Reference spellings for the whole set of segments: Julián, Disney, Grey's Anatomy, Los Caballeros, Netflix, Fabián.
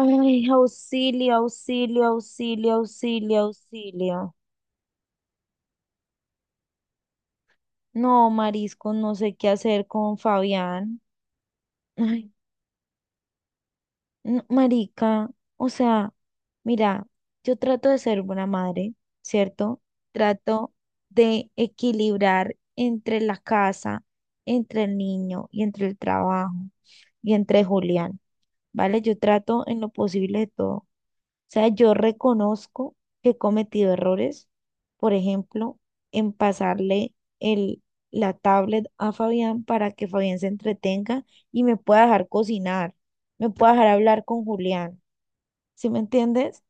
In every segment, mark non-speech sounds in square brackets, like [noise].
Ay, auxilio, auxilio, auxilio, auxilio, auxilio. No, marisco, no sé qué hacer con Fabián. Ay, no, marica, o sea, mira, yo trato de ser buena madre, ¿cierto? Trato de equilibrar entre la casa, entre el niño y entre el trabajo y entre Julián. ¿Vale? Yo trato en lo posible de todo. O sea, yo reconozco que he cometido errores, por ejemplo, en pasarle el, la tablet a Fabián para que Fabián se entretenga y me pueda dejar cocinar, me pueda dejar hablar con Julián, ¿sí me entiendes?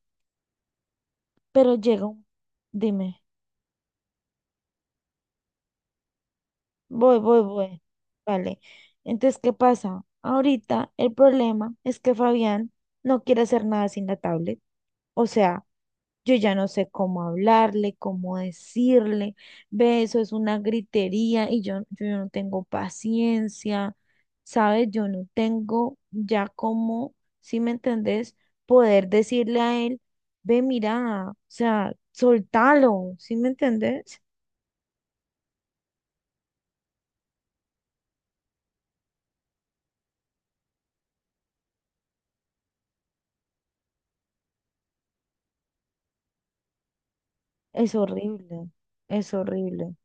Pero llega un, dime, voy, ¿vale? Entonces, ¿qué pasa? Ahorita el problema es que Fabián no quiere hacer nada sin la tablet. O sea, yo ya no sé cómo hablarle, cómo decirle, ve, eso es una gritería y yo no tengo paciencia, ¿sabes? Yo no tengo ya cómo, si me entendés, poder decirle a él, ve, mira, o sea, soltalo, ¿sí me entendés? Es horrible, es horrible.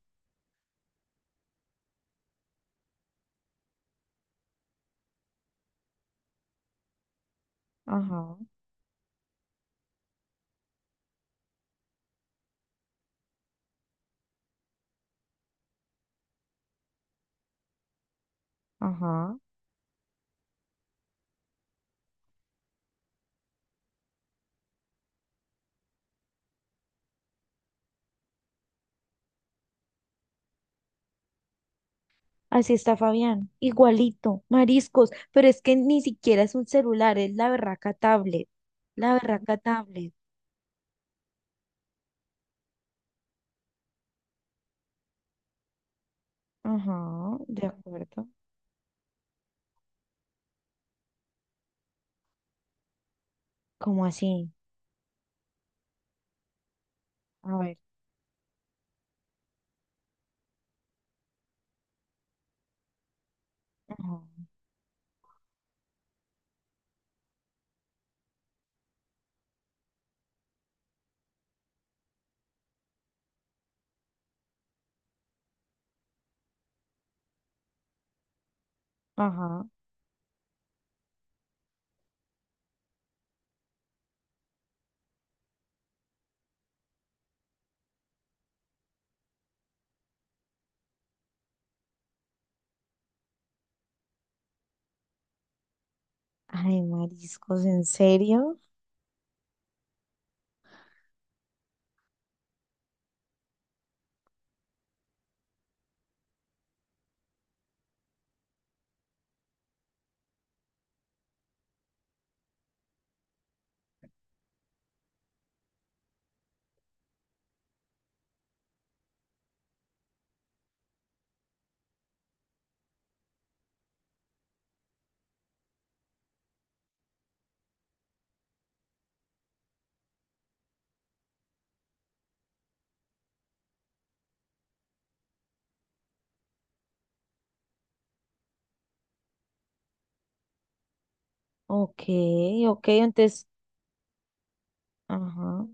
Ajá, ajá. Así está Fabián, igualito, mariscos, pero es que ni siquiera es un celular, es la berraca tablet, la berraca tablet. Ajá, de acuerdo. ¿Cómo así? A ver. Ajá. Ajá. Ay, mariscos, ¿en serio? Ok, ok, entonces, ajá,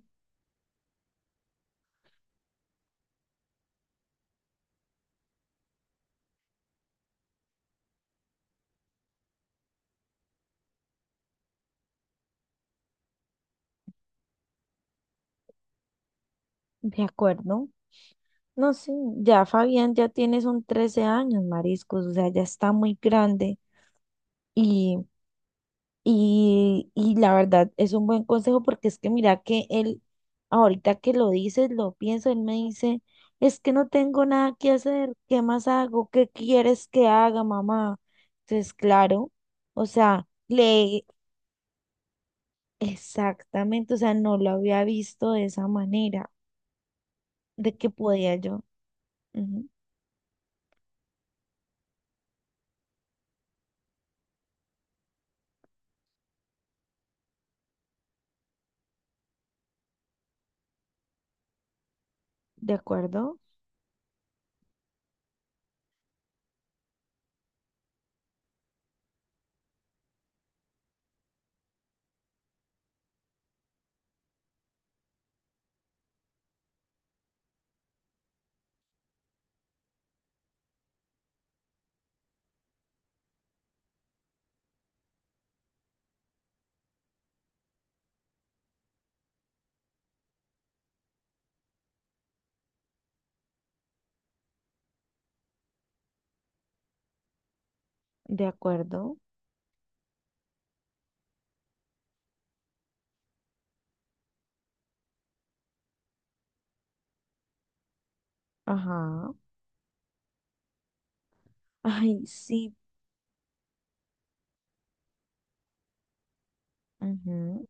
de acuerdo. No, sé ya Fabián, ya tiene son 13 años, mariscos, o sea, ya está muy grande. Y la verdad es un buen consejo porque es que mira que él, ahorita que lo dices, lo pienso, él me dice, es que no tengo nada que hacer, ¿qué más hago? ¿Qué quieres que haga, mamá? Entonces, claro, o sea, le, exactamente, o sea, no lo había visto de esa manera, de que podía yo. Ujú, de acuerdo, de acuerdo, ajá, [laughs] ay, sí, ujú.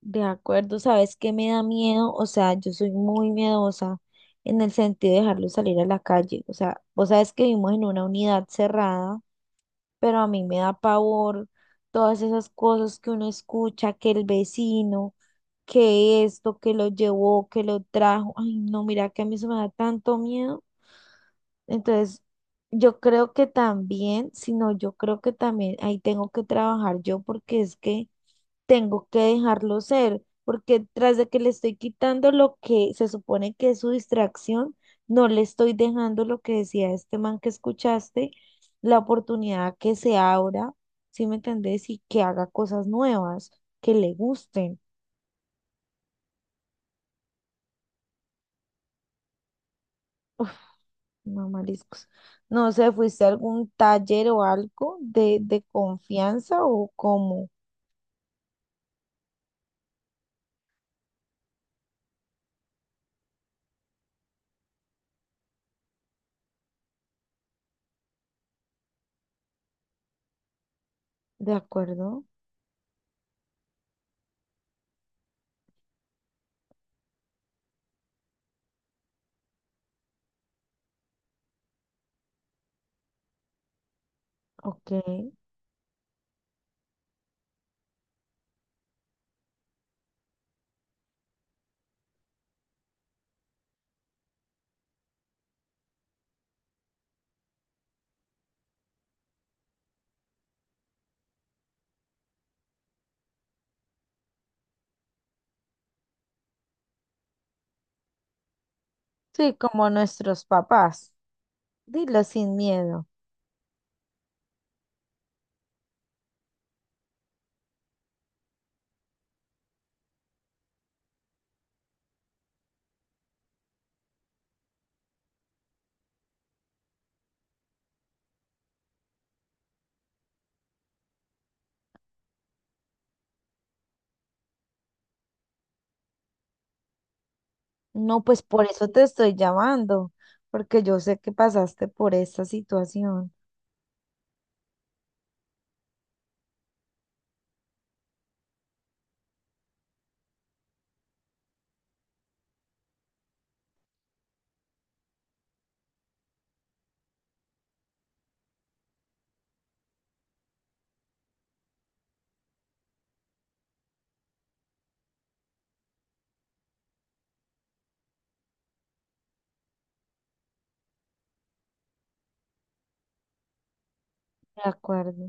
De acuerdo, ¿sabes qué me da miedo? O sea, yo soy muy miedosa en el sentido de dejarlo salir a la calle. O sea, vos sabes que vivimos en una unidad cerrada, pero a mí me da pavor todas esas cosas que uno escucha, que el vecino, que esto, que lo llevó, que lo trajo. Ay, no, mira que a mí eso me da tanto miedo. Entonces, yo creo que también, sino yo creo que también ahí tengo que trabajar yo porque es que tengo que dejarlo ser, porque tras de que le estoy quitando lo que se supone que es su distracción, no le estoy dejando lo que decía este man que escuchaste, la oportunidad que se abra, ¿sí me entendés? Y que haga cosas nuevas, que le gusten. No, mariscos. No sé, ¿fuiste a algún taller o algo de confianza o cómo? ¿De acuerdo? Ok. Sí, como nuestros papás. Dilo sin miedo. No, pues por eso te estoy llamando, porque yo sé que pasaste por esta situación. De acuerdo.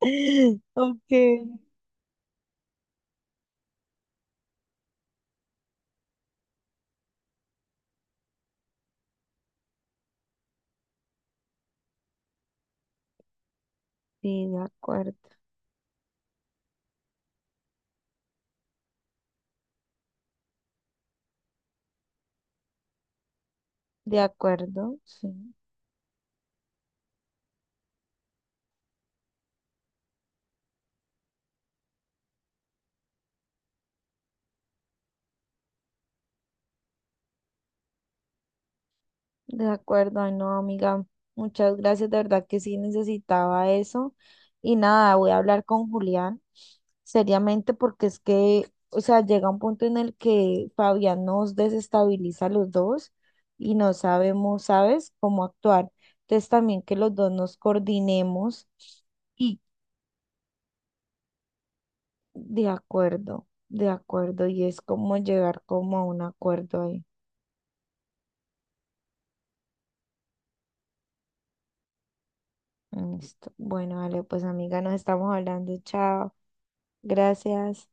[laughs] Ok, sí, de acuerdo. De acuerdo, sí. De acuerdo, ay no, amiga, muchas gracias, de verdad que sí necesitaba eso. Y nada, voy a hablar con Julián seriamente porque es que, o sea, llega un punto en el que Fabián nos desestabiliza a los dos y no sabemos, ¿sabes?, cómo actuar. Entonces también que los dos nos coordinemos y de acuerdo, y es como llegar como a un acuerdo ahí. Listo. Bueno, vale, pues amiga, nos estamos hablando, chao, gracias.